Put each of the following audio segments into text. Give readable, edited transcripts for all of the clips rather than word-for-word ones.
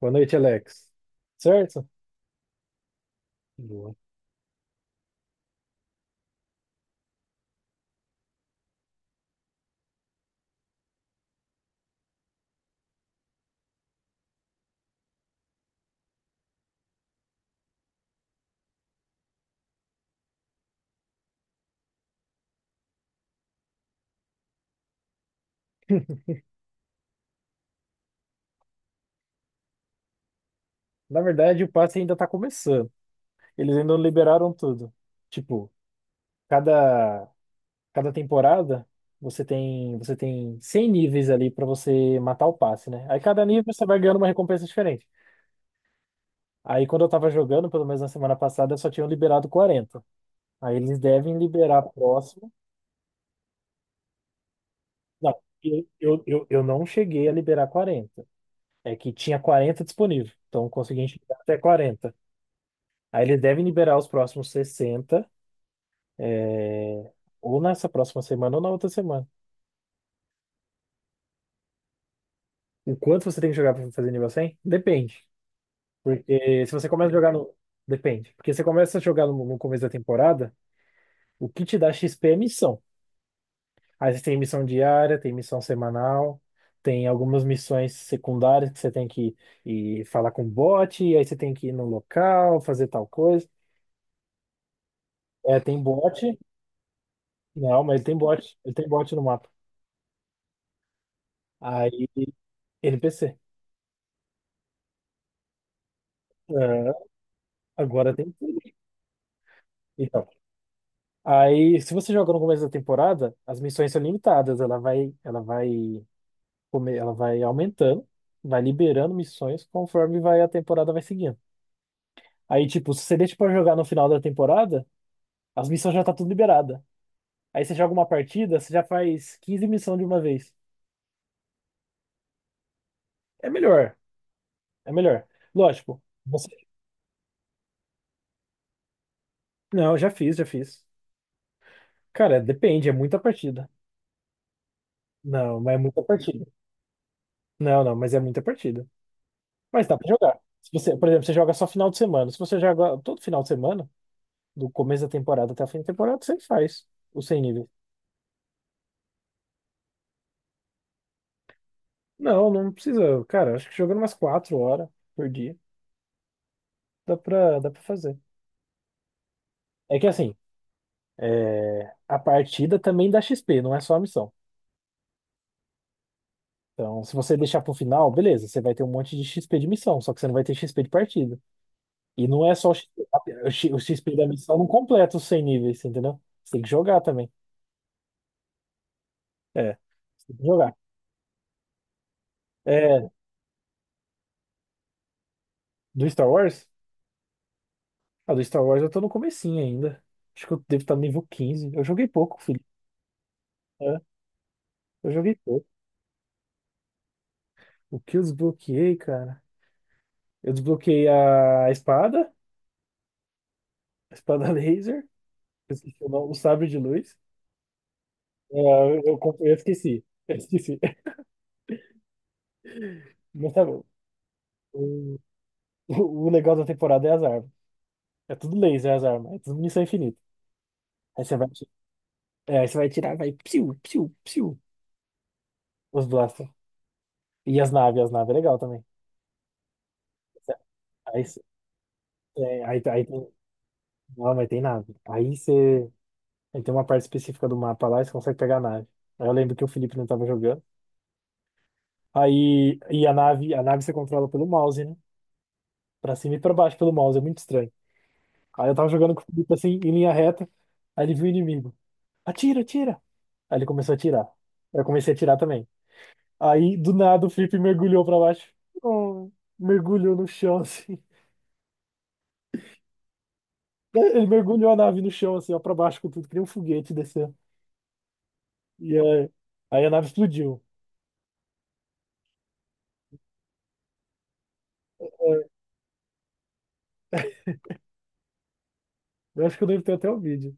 Boa noite, Alex. Certo? Boa. Na verdade, o passe ainda tá começando. Eles ainda não liberaram tudo. Tipo, cada cada temporada você tem 100 níveis ali pra você matar o passe, né? Aí cada nível você vai ganhando uma recompensa diferente. Aí quando eu tava jogando, pelo menos na semana passada, só tinham liberado 40. Aí eles devem liberar próximo. Não, eu não cheguei a liberar 40. É que tinha 40 disponível. Então consegui enxergar até 40. Aí eles devem liberar os próximos 60 é, ou nessa próxima semana ou na outra semana. O quanto você tem que jogar para fazer nível 100? Depende. Porque se você começa a jogar no. Depende. Porque você começa a jogar no começo da temporada, o que te dá XP é missão. Aí você tem missão diária, tem missão semanal, tem algumas missões secundárias que você tem que ir falar com o bot, e aí você tem que ir no local, fazer tal coisa. É, tem bot. Não, mas ele tem bot. Ele tem bot no mapa. Aí, NPC. É, agora tem tudo. Então, aí, se você joga no começo da temporada, as missões são limitadas. Ela vai aumentando, vai liberando missões conforme vai a temporada vai seguindo. Aí, tipo, se você deixa pra jogar no final da temporada, as missões já tá tudo liberada. Aí você joga uma partida, você já faz 15 missões de uma vez. É melhor, é melhor. Lógico. Você... Não, já fiz, já fiz. Cara, depende, é muita partida. Não, mas é muita partida. Não, não, mas é muita partida. Mas dá pra jogar. Se você, por exemplo, você joga só final de semana. Se você joga todo final de semana, do começo da temporada até o fim da temporada, você faz o 100 níveis. Não, não precisa. Cara, acho que jogando umas 4 horas por dia, dá pra fazer. É que assim, é, a partida também dá XP, não é só a missão. Então, se você deixar pro final, beleza, você vai ter um monte de XP de missão, só que você não vai ter XP de partida. E não é só o XP, o XP da missão não completa os 100 níveis, entendeu? Você tem que jogar também. É, você tem que jogar. É. Do Star Wars? Ah, do Star Wars eu tô no comecinho ainda. Acho que eu devo estar no nível 15. Eu joguei pouco, filho. É, eu joguei pouco. O que eu desbloqueei, cara? Eu desbloqueei a espada laser, eu esqueci o nome, o sabre de luz. É, eu esqueci. Eu esqueci. Mas tá bom. O, o legal da temporada é as armas. É tudo laser, as armas. É tudo munição infinita. Aí você vai, ti- Aí você vai tirar, vai piu, piu, piu. Os blasters. E as naves é legal também. Aí, É, aí, aí tem, Não, mas tem nave. Aí você. Aí tem uma parte específica do mapa lá e você consegue pegar a nave. Aí eu lembro que o Felipe não tava jogando. Aí e a nave você controla pelo mouse, né? Pra cima e pra baixo pelo mouse, é muito estranho. Aí eu tava jogando com o Felipe assim, em linha reta. Aí ele viu o inimigo. Atira, atira! Aí ele começou a atirar. Aí eu comecei a atirar também. Aí do nada o Felipe mergulhou pra baixo. Oh, mergulhou no chão assim. Ele mergulhou a nave no chão assim, ó, pra baixo com tudo, que nem um foguete descendo. E aí, a nave explodiu. É, eu acho que eu devo ter até o vídeo.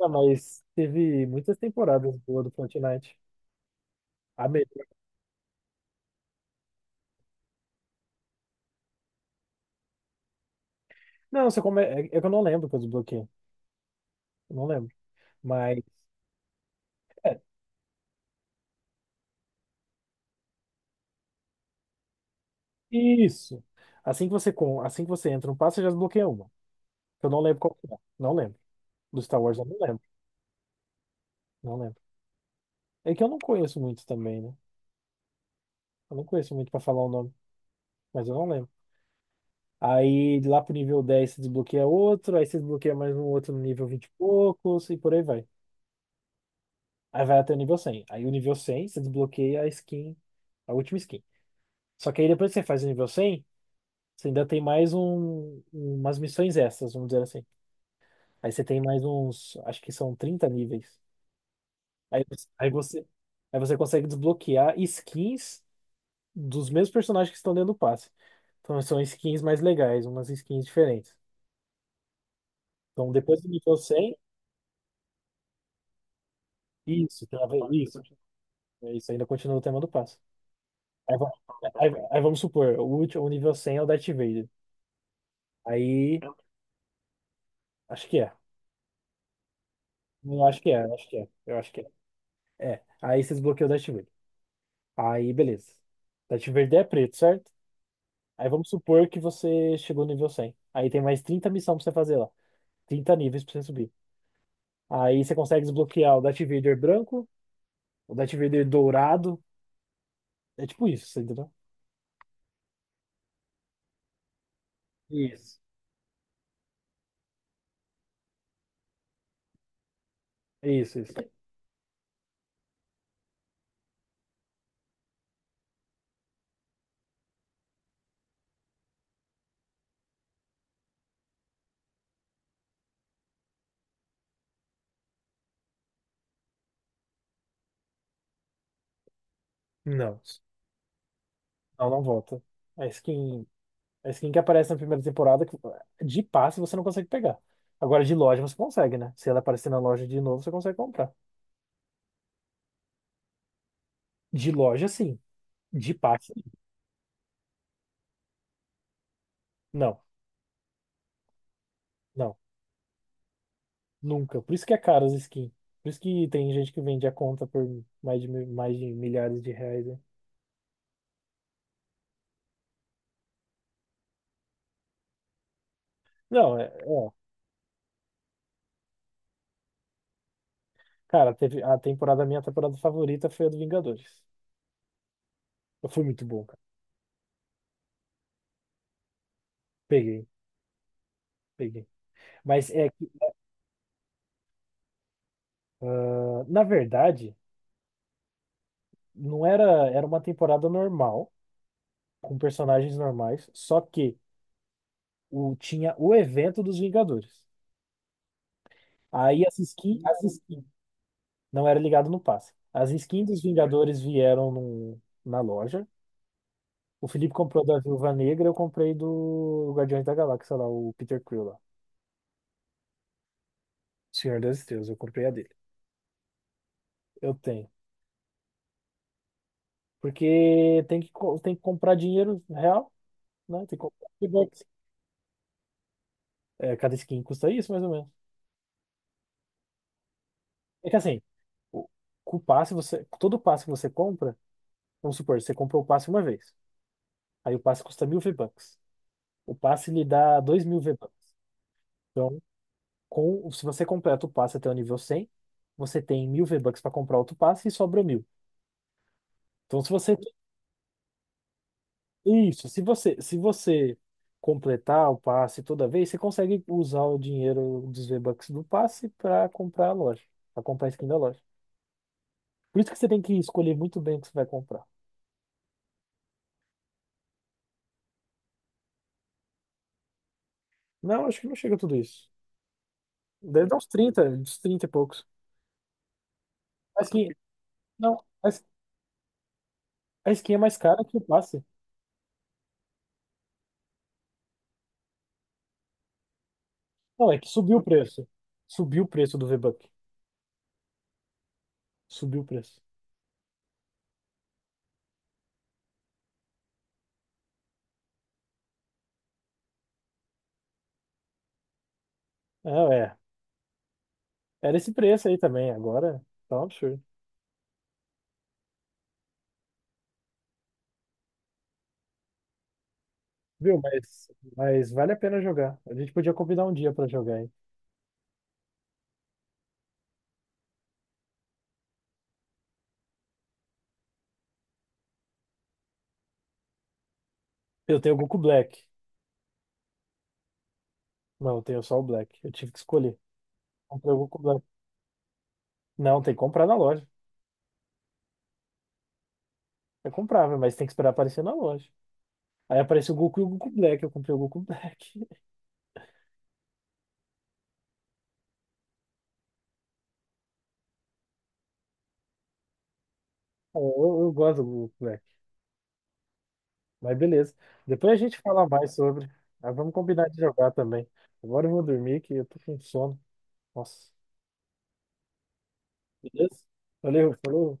Ah, mas teve muitas temporadas boas do Fortnite. A melhor. Não, só come... é que eu não lembro que eu desbloqueei. Eu não lembro. Mas, é, isso. Assim que você, com... assim que você entra no passe, você já desbloqueia uma. Eu não lembro qual que é. Não lembro. Do Star Wars, eu não lembro. Não lembro. É que eu não conheço muito também, né? Eu não conheço muito pra falar o nome, mas eu não lembro. Aí, lá pro nível 10 você desbloqueia outro. Aí, você desbloqueia mais um outro no nível 20 e poucos. E por aí vai. Aí vai até o nível 100. Aí o nível 100 você desbloqueia a skin, a última skin. Só que aí depois que você faz o nível 100 você ainda tem mais um, umas missões extras, vamos dizer assim. Aí você tem mais uns, acho que são 30 níveis. Aí, você- aí você, aí você consegue desbloquear skins dos mesmos personagens que estão dentro do passe. Então são skins mais legais, umas skins diferentes. Então depois do nível 100 isso, isso ainda continua o tema do passe. Aí, va- aí vamos supor, o último, o nível 100 é o Darth Vader. Aí, acho que é. Eu acho que é, eu acho que é. Eu acho que é. É. Aí você desbloqueou o Darth Vader. Aí, beleza. Darth Vader é preto, certo? Aí vamos supor que você chegou no nível 100. Aí tem mais 30 missões pra você fazer lá. 30 níveis pra você subir. Aí você consegue desbloquear o Darth Vader branco, o Darth Vader dourado. É tipo isso, você entendeu? Isso. Isso, isso. Não. Não, não volta. A skin. A skin que aparece na primeira temporada, que, de passe você não consegue pegar. Agora, de loja você consegue, né? Se ela aparecer na loja de novo, você consegue comprar. De loja, sim. De passe, não. Não. Nunca. Por isso que é caro as skins. Por isso que tem gente que vende a conta por mais de, mais de milhares de reais, né? Não, é, é. Cara, teve a temporada, minha temporada favorita foi a do Vingadores. Eu fui muito bom, cara. Peguei, peguei. Mas é que, ah, na verdade, não era, era uma temporada normal, com personagens normais, só que tinha o evento dos Vingadores. Aí as skins, não era ligado no passe. As skins dos Vingadores vieram na loja. O Felipe comprou da Viúva Negra, eu comprei do Guardiões da Galáxia lá, o Peter Quill lá. Senhor das Estrelas, eu comprei a dele. Eu tenho. Porque tem que, tem que comprar dinheiro real, né? Tem que comprar V-Bucks. É, cada skin custa isso, mais ou menos. É que assim, o, com o passe, você, todo passe que você compra, vamos supor, você comprou o passe uma vez. Aí o passe custa 1000 V-Bucks. O passe lhe dá 2000 V-Bucks. Então, com, se você completa o passe até o nível 100, você tem 1000 V-Bucks para comprar outro passe e sobra 1000. Então, se você. Isso, se você completar o passe toda vez, você consegue usar o dinheiro dos V-Bucks do passe para comprar a loja, para comprar a skin da loja. Por isso que você tem que escolher muito bem o que você vai comprar. Não, acho que não chega a tudo isso. Deve dar uns 30, uns 30 e poucos. A skin, não, a a skin é mais cara que o passe. Não, é que subiu o preço. Subiu o preço do V-Buck. Subiu o preço. Ah, é. Era esse preço aí também. Agora tá um absurdo. Viu? Mas vale a pena jogar. A gente podia combinar um dia pra jogar, hein? Eu tenho o Goku Black. Não, eu tenho só o Black. Eu tive que escolher. Comprei o Goku Black. Não, tem que comprar na loja. É comprável, mas tem que esperar aparecer na loja. Aí aparece o Goku e o Goku Black. Eu comprei o Goku Black. Eu, eu gosto do Goku Black. Mas beleza. Depois a gente fala mais sobre. Mas vamos combinar de jogar também. Agora eu vou dormir que eu tô com sono. Nossa. Beleza? Valeu, falou.